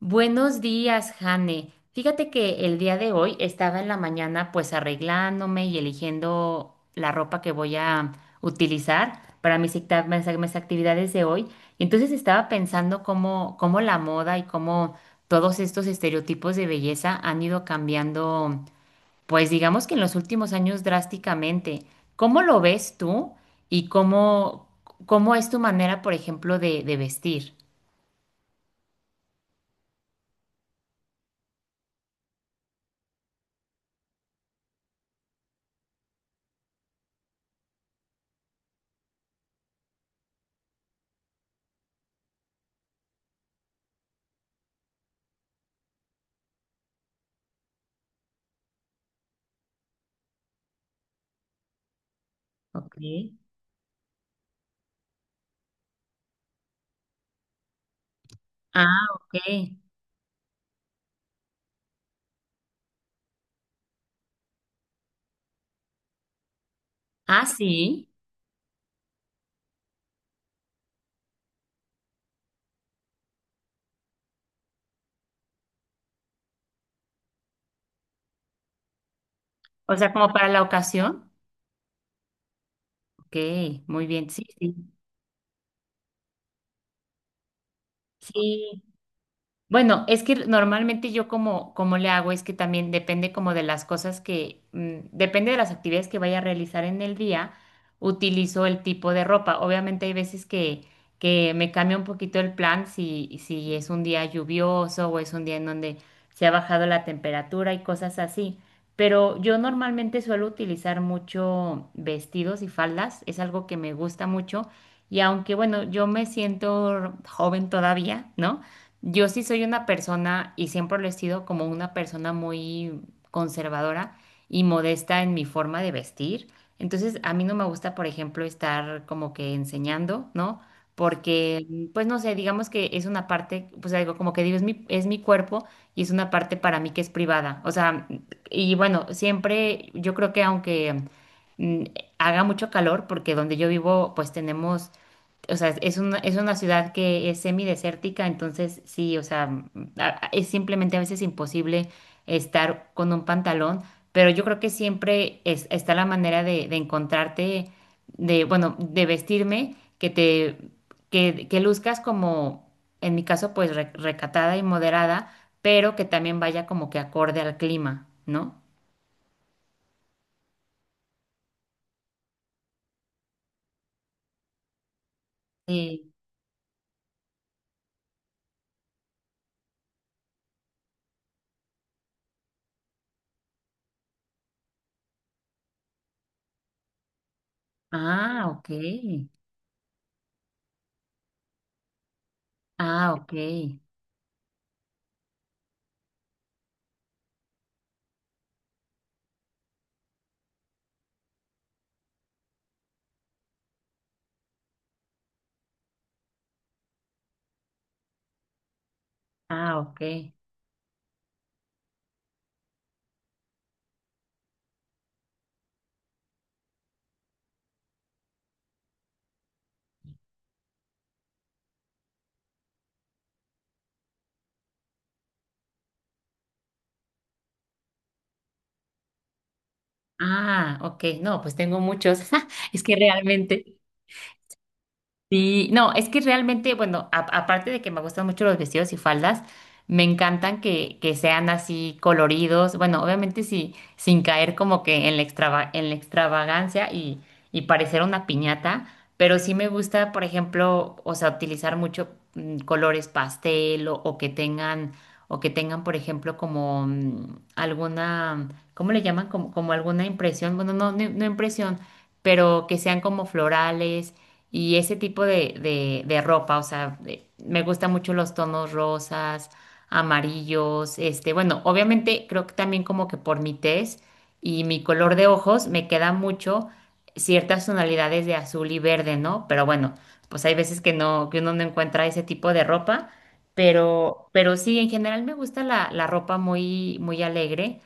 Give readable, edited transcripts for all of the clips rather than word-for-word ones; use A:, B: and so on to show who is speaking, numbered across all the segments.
A: Buenos días, Jane. Fíjate que el día de hoy estaba en la mañana pues arreglándome y eligiendo la ropa que voy a utilizar para mis actividades de hoy. Y entonces estaba pensando cómo la moda y cómo todos estos estereotipos de belleza han ido cambiando, pues digamos que en los últimos años drásticamente. ¿Cómo lo ves tú y cómo es tu manera, por ejemplo, de vestir? Ok. Ah, ok. Ah, sí. O sea, como para la ocasión. Ok, muy bien. Sí, sí. Sí, bueno, es que normalmente yo como le hago es que también depende como de las cosas que, depende de las actividades que vaya a realizar en el día, utilizo el tipo de ropa. Obviamente hay veces que, me cambia un poquito el plan si es un día lluvioso o es un día en donde se ha bajado la temperatura y cosas así. Pero yo normalmente suelo utilizar mucho vestidos y faldas, es algo que me gusta mucho. Y aunque, bueno, yo me siento joven todavía, ¿no? Yo sí soy una persona, y siempre lo he sido, como una persona muy conservadora y modesta en mi forma de vestir. Entonces, a mí no me gusta, por ejemplo, estar como que enseñando, ¿no? Porque, pues no sé, digamos que es una parte, pues algo como que digo, es mi cuerpo y es una parte para mí que es privada. O sea, y bueno, siempre yo creo que aunque mm, haga mucho calor, porque donde yo vivo, pues tenemos, o sea, es una, ciudad que es semidesértica, entonces sí, o sea, es simplemente a veces imposible estar con un pantalón, pero yo creo que siempre está la manera de encontrarte, de, bueno, de vestirme, que te, que luzcas como, en mi caso, pues recatada y moderada, pero que también vaya como que acorde al clima, ¿no? Sí. Ah, ok. Ah, ok. Ah, ok. Ah, ok, no, pues tengo muchos. Es que realmente, sí, no, es que realmente, bueno, aparte de que me gustan mucho los vestidos y faldas, me encantan que sean así coloridos, bueno, obviamente sí, sin caer como que en la en la extravagancia y, parecer una piñata, pero sí me gusta, por ejemplo, o sea, utilizar mucho, colores pastel o que tengan, por ejemplo, como, alguna, ¿cómo le llaman? Como, como alguna impresión, bueno, no impresión, pero que sean como florales y ese tipo de ropa, o sea, me gustan mucho los tonos rosas, amarillos, este, bueno, obviamente creo que también como que por mi tez y mi color de ojos me queda mucho ciertas tonalidades de azul y verde, ¿no? Pero bueno, pues hay veces que no, que uno no encuentra ese tipo de ropa, pero sí, en general me gusta la ropa muy, muy alegre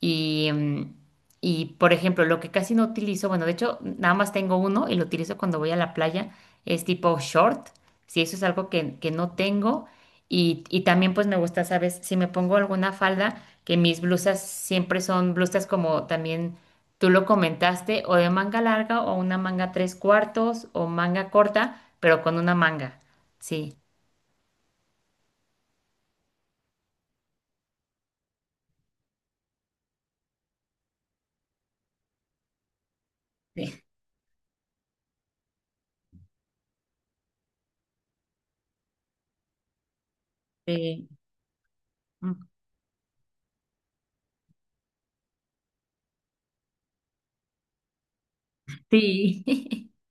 A: y, mm, y, por ejemplo, lo que casi no utilizo, bueno, de hecho, nada más tengo uno y lo utilizo cuando voy a la playa, es tipo short, si eso es algo que no tengo. Y también pues me gusta, ¿sabes? Si me pongo alguna falda, que mis blusas siempre son blusas como también tú lo comentaste, o de manga larga o una manga tres cuartos o manga corta, pero con una manga. Sí. Sí. Sí. Mm. Sí.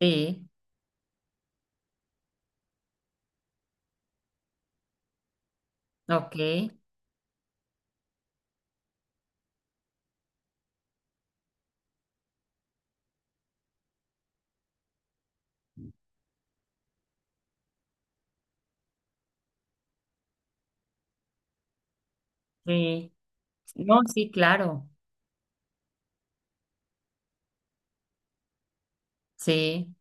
A: Sí. Ok. Sí. No, sí, claro. Sí.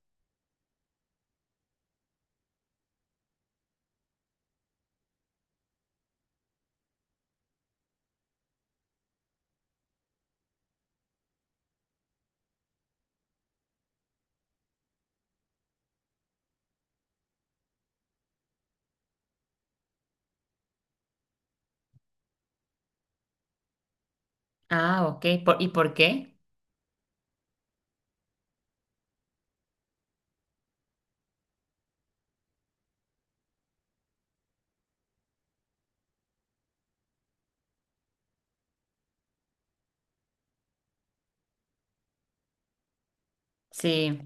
A: Ah, ok. Por- ¿y por qué? Sí,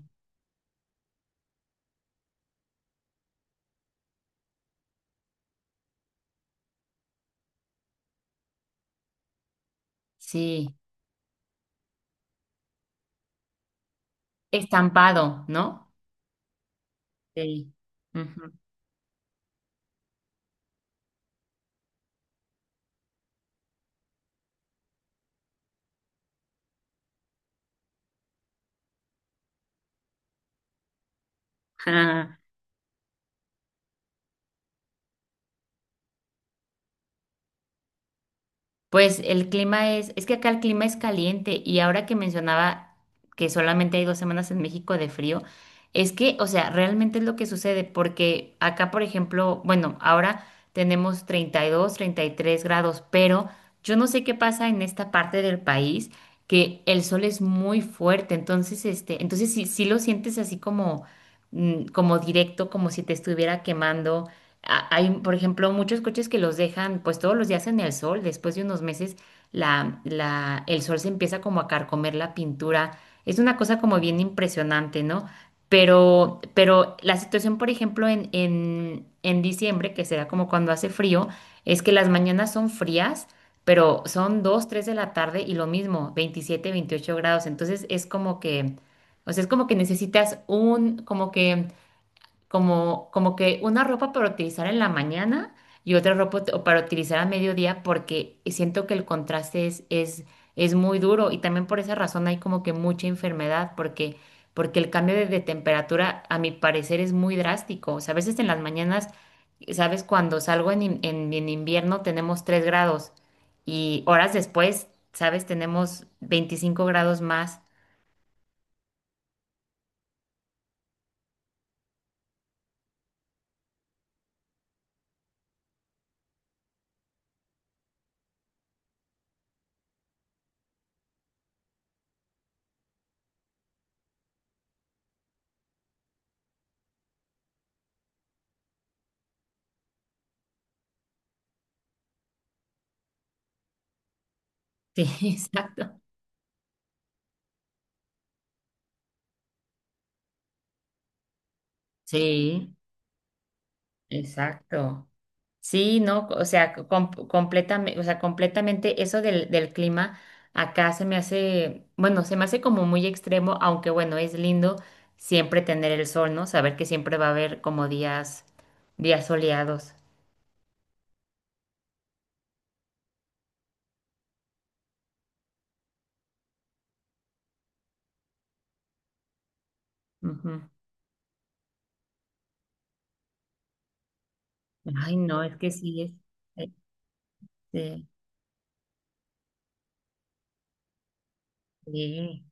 A: sí. Estampado, ¿no? Sí. Ujú. Pues el clima es que acá el clima es caliente y ahora que mencionaba que solamente hay 2 semanas en México de frío, es que, o sea, realmente es lo que sucede porque acá, por ejemplo, bueno, ahora tenemos 32, 33 grados, pero yo no sé qué pasa en esta parte del país que el sol es muy fuerte, entonces, este, entonces sí, sí lo sientes así como, como directo, como si te estuviera quemando. Hay, por ejemplo, muchos coches que los dejan pues todos los días en el sol. Después de unos meses, el sol se empieza como a carcomer la pintura. Es una cosa como bien impresionante, ¿no? Pero la situación, por ejemplo, en diciembre, que será como cuando hace frío, es que las mañanas son frías, pero son 2, 3 de la tarde y lo mismo, 27, 28 grados. Entonces es como que, o sea, es como que necesitas un, como que como, como que una ropa para utilizar en la mañana y otra ropa para utilizar a mediodía porque siento que el contraste es muy duro y también por esa razón hay como que mucha enfermedad porque el cambio de temperatura a mi parecer es muy drástico. O sea, a veces en las mañanas, ¿sabes? Cuando salgo en invierno tenemos 3 grados y horas después, ¿sabes? Tenemos 25 grados más. Sí, exacto. Sí, exacto. Sí, no, o sea, completamente eso del clima acá se me hace, bueno, se me hace como muy extremo, aunque bueno, es lindo siempre tener el sol, ¿no? Saber que siempre va a haber como días, días soleados. Ujú. Ay, no, es que sí, es, eh, sí, sí,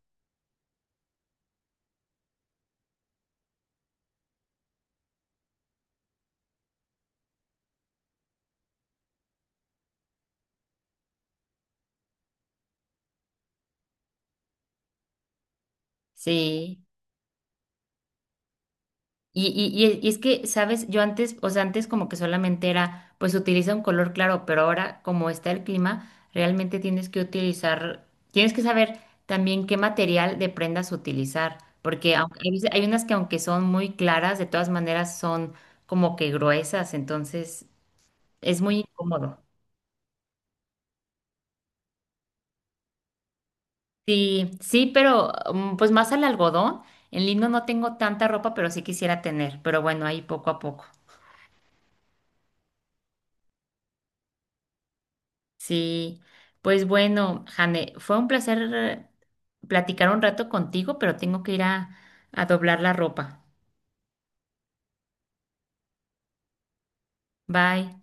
A: sí. Y es que, ¿sabes? Yo antes, o sea, antes como que solamente era, pues utiliza un color claro, pero ahora como está el clima, realmente tienes que utilizar, tienes que saber también qué material de prendas utilizar, porque aunque- hay, veces- hay unas que aunque son muy claras, de todas maneras son como que gruesas, entonces es muy incómodo. Sí, sí, pero pues más al algodón, en lino no tengo tanta ropa, pero sí quisiera tener, pero bueno, ahí poco a poco. Sí, pues bueno, Jane, fue un placer platicar un rato contigo, pero tengo que ir a doblar la ropa. Bye.